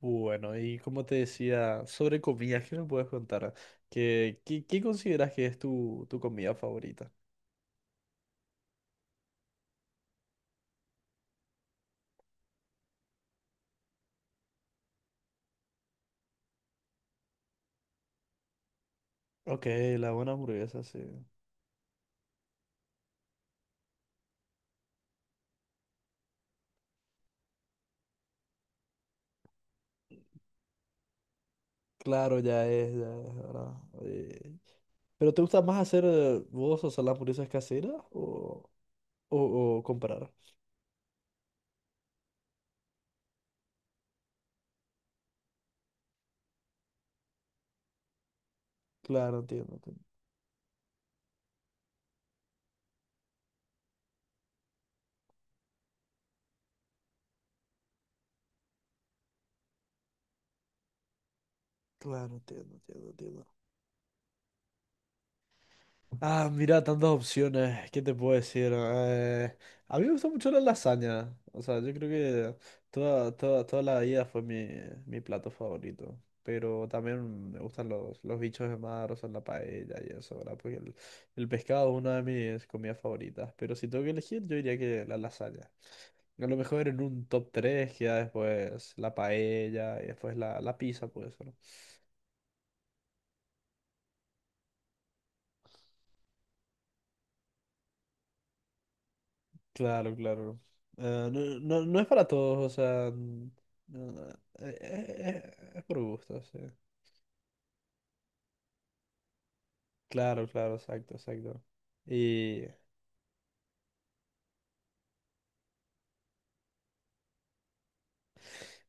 Bueno, y como te decía, sobre comidas, ¿qué me puedes contar? ¿Qué consideras que es tu comida favorita? Ok, la buena hamburguesa, sí. Claro, ya es, ¿verdad? Eh, ¿Pero te gusta más hacer vos, o sea, las hamburguesas caseras o, o comprar? Claro, entiendo, entiendo. Claro, entiendo, entiendo, entiendo. Ah, mira, tantas opciones. ¿Qué te puedo decir? A mí me gusta mucho la lasaña. O sea, yo creo que toda la vida fue mi plato favorito. Pero también me gustan los bichos de mar, o sea, la paella y eso, ¿verdad? Porque el pescado es una de mis comidas favoritas. Pero si tengo que elegir, yo diría que la lasaña. A lo mejor en un top 3 queda después la paella y después la pizza, puede ser. Claro, claro. No, no, no es para todos, o sea, no, no, es por gusto, sí. Claro, claro, exacto, exacto. Y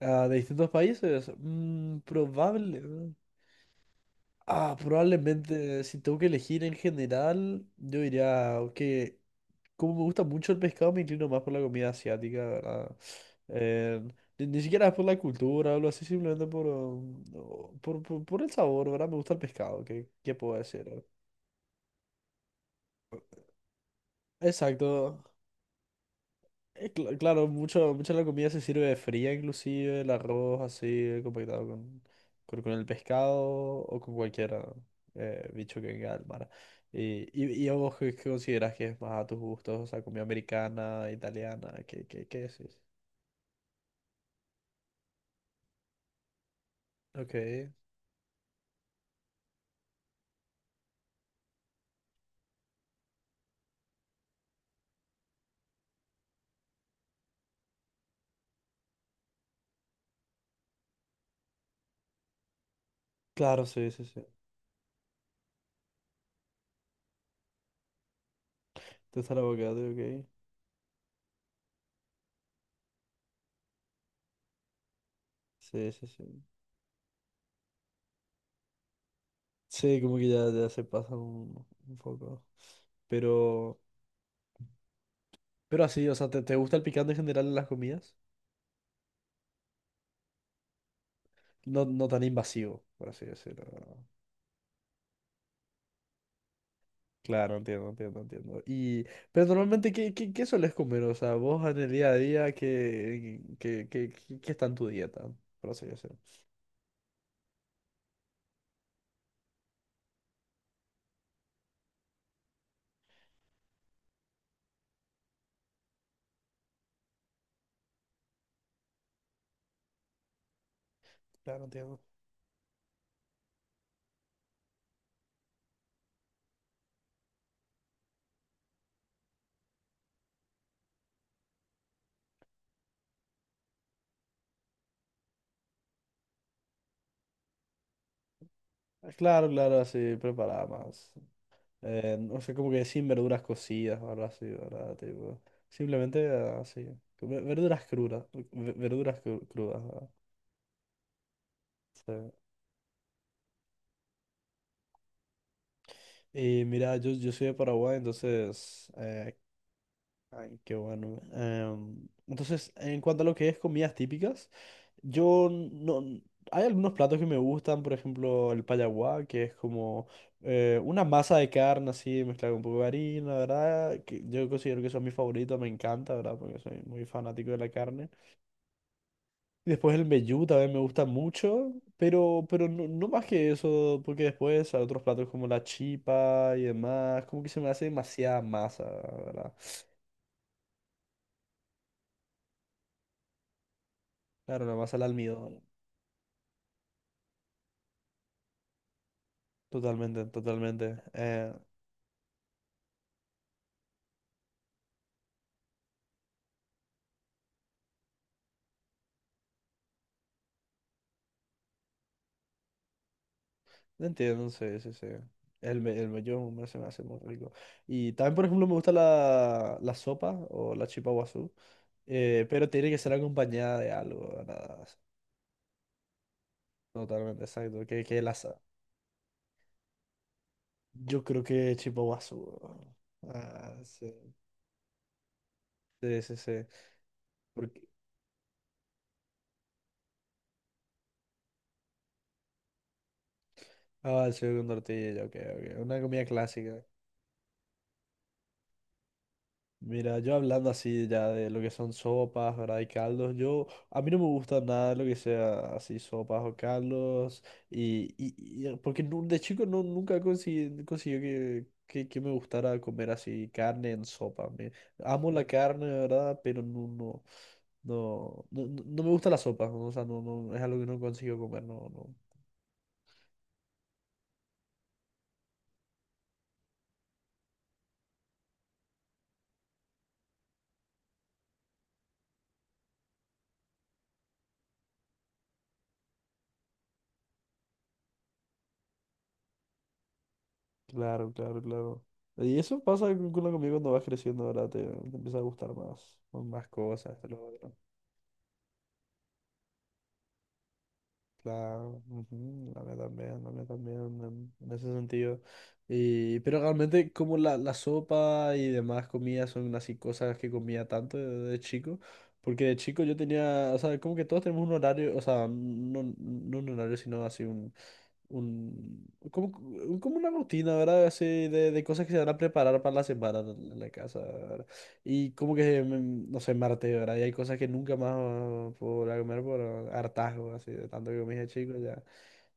de distintos países, ah, probablemente, si tengo que elegir en general, yo diría que como me gusta mucho el pescado, me inclino más por la comida asiática, ¿verdad? Eh, ni siquiera es por la cultura o algo así, simplemente por, por el sabor, ¿verdad? Me gusta el pescado, ¿ qué puedo decir? Exacto. Claro, mucha de la comida se sirve fría, inclusive el arroz así, compactado con, con el pescado o con cualquier bicho que venga del mar. Y a vos, ¿ qué considerás que es más a tus gustos? O sea, comida americana, italiana, ¿ qué decís? Ok. Claro, sí, sí, sí. Te gusta el abogado, ok. Sí, sí, sí. Sí, como que ya, ya se pasa un poco. Pero, pero así, o sea, ¿ te gusta el picante en general en las comidas? No, no tan invasivo, por así decirlo, ¿no? Claro, entiendo, entiendo, entiendo. Y, pero normalmente, ¿ qué sueles comer? O sea, vos en el día a día, ¿ qué está en tu dieta? Por así decirlo. Claro, entiendo. Ah, claro, claro, así, preparada más. O sea, como que sin verduras cocidas o algo así, ¿verdad? Tipo, simplemente así. Verduras crudas. Verduras crudas, ¿verdad? Sí. Y mira, yo soy de Paraguay, entonces ay, qué bueno. Entonces, en cuanto a lo que es comidas típicas, yo no... Hay algunos platos que me gustan, por ejemplo, el payaguá, que es como una masa de carne así mezclada con un poco de harina, ¿verdad? Que yo considero que eso es mi favorito, me encanta, ¿verdad? Porque soy muy fanático de la carne. Y después el mbejú también me gusta mucho, pero no, no más que eso, porque después hay otros platos como la chipa y demás, como que se me hace demasiada masa, ¿verdad? Claro, la masa al almidón. Totalmente, totalmente. Entiendo, sí, sí, sí. El, el mello se me hace muy rico. Y también, por ejemplo, me gusta la sopa o la chipa guazú, pero tiene que ser acompañada de algo, ¿verdad? Totalmente, exacto. Que la, yo creo que chipa guazú. Weón. Ah, sí, sí, sí, sí. Porque, ah, el con tortilla, ok, ok. Una comida clásica. Mira, yo hablando así ya de lo que son sopas, ¿verdad? Y caldos, yo, a mí no me gusta nada lo que sea así sopas o caldos, porque de chico no, nunca conseguí, consiguió que me gustara comer así carne en sopa. Me, amo la carne, ¿verdad? Pero no, no, no, no, no me gusta la sopa, ¿no? O sea, no, no, es algo que no consigo comer, no, no. Claro, claro, claro. Y eso pasa con la comida cuando vas creciendo, ¿verdad? Te empieza a gustar más, más cosas, esto, lo otro. Claro, ujú, la mía también en ese sentido. Y, pero realmente como la sopa y demás comidas son así cosas que comía tanto de chico, porque de chico yo tenía, o sea, como que todos tenemos un horario, o sea, no un horario, sino así un, como, como una rutina, ¿verdad? Así de cosas que se van a preparar para la semana en la casa, ¿verdad? Y como que, no sé, martes, ¿verdad? Y hay cosas que nunca más puedo volver a comer por hartazgo, así, de tanto que comí de chico ya.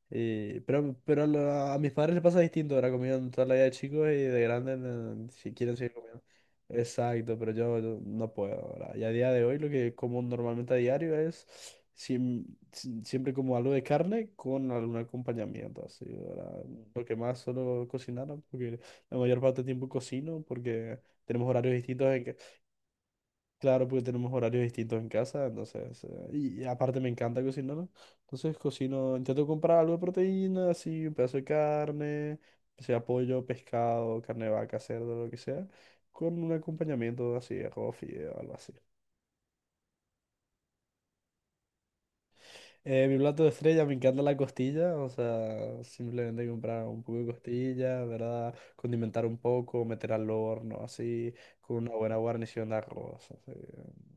Pero a a mis padres les pasa distinto, ahora comieron toda la vida de chicos y de grandes si quieren seguir comiendo. Exacto, pero yo no puedo ahora. Y a día de hoy lo que como normalmente a diario es siem- siempre como algo de carne con algún acompañamiento, así, ahora, lo que más solo cocinar, ¿no? Porque la mayor parte del tiempo cocino porque tenemos horarios distintos en que claro, porque tenemos horarios distintos en casa, entonces, y aparte me encanta cocinar, entonces cocino, intento comprar algo de proteína, así, un pedazo de carne, sea pollo, pescado, carne de vaca, cerdo, lo que sea, con un acompañamiento así, arroz, fideo, algo así. Mi plato de estrella, me encanta la costilla, o sea, simplemente comprar un poco de costilla, ¿verdad? Condimentar un poco, meter al horno, así, con una buena guarnición de arroz, así,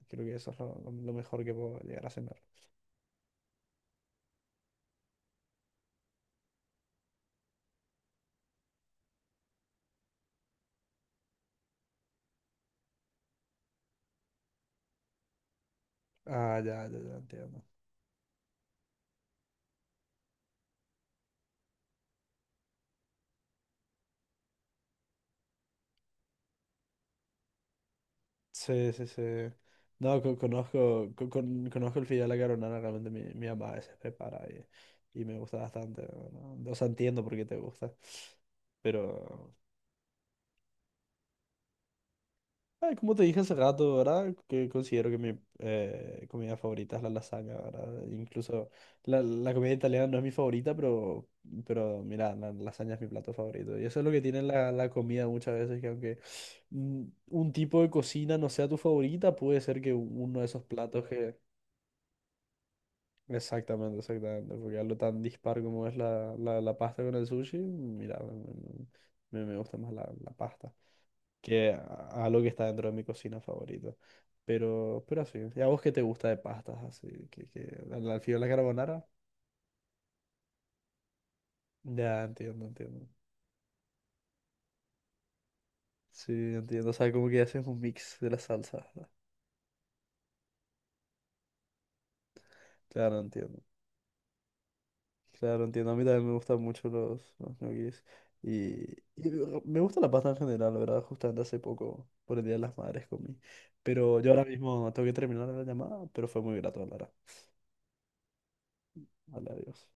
creo que eso es lo mejor que puedo llegar a cenar. Ah, ya, ya, ya, entiendo. Sí, sí, sí. No, conozco, conozco el fideo a la carbonara, realmente mi mamá a veces prepara y me gusta bastante, ¿no? O sea, entiendo por qué te gusta, pero ay, como te dije hace rato, ¿verdad? Que considero que mi comida favorita es la lasaña, ¿verdad? Incluso la comida italiana no es mi favorita, pero mira, la lasaña es mi plato favorito. Y eso es lo que tiene la comida muchas veces, que aunque mm, un tipo de cocina no sea tu favorita, puede ser que uno de esos platos que... Exactamente, exactamente. Porque algo tan dispar como es la pasta con el sushi, mira, me gusta más la pasta que algo que está dentro de mi cocina favorita. Pero así. ¿Y a vos qué te gusta de pastas? Así, que al fideo a la carbonara. Ya, entiendo, entiendo. Sí, entiendo. O sea, como que haces un mix de las salsas, ¿no? Claro, entiendo. Claro, entiendo. A mí también me gustan mucho los ñoquis. Y, y me gusta la pasta en general, la verdad. Justamente hace poco, por el Día de las Madres, comí. Pero yo ahora mismo tengo que terminar la llamada, pero fue muy grato hablar. Vale, adiós.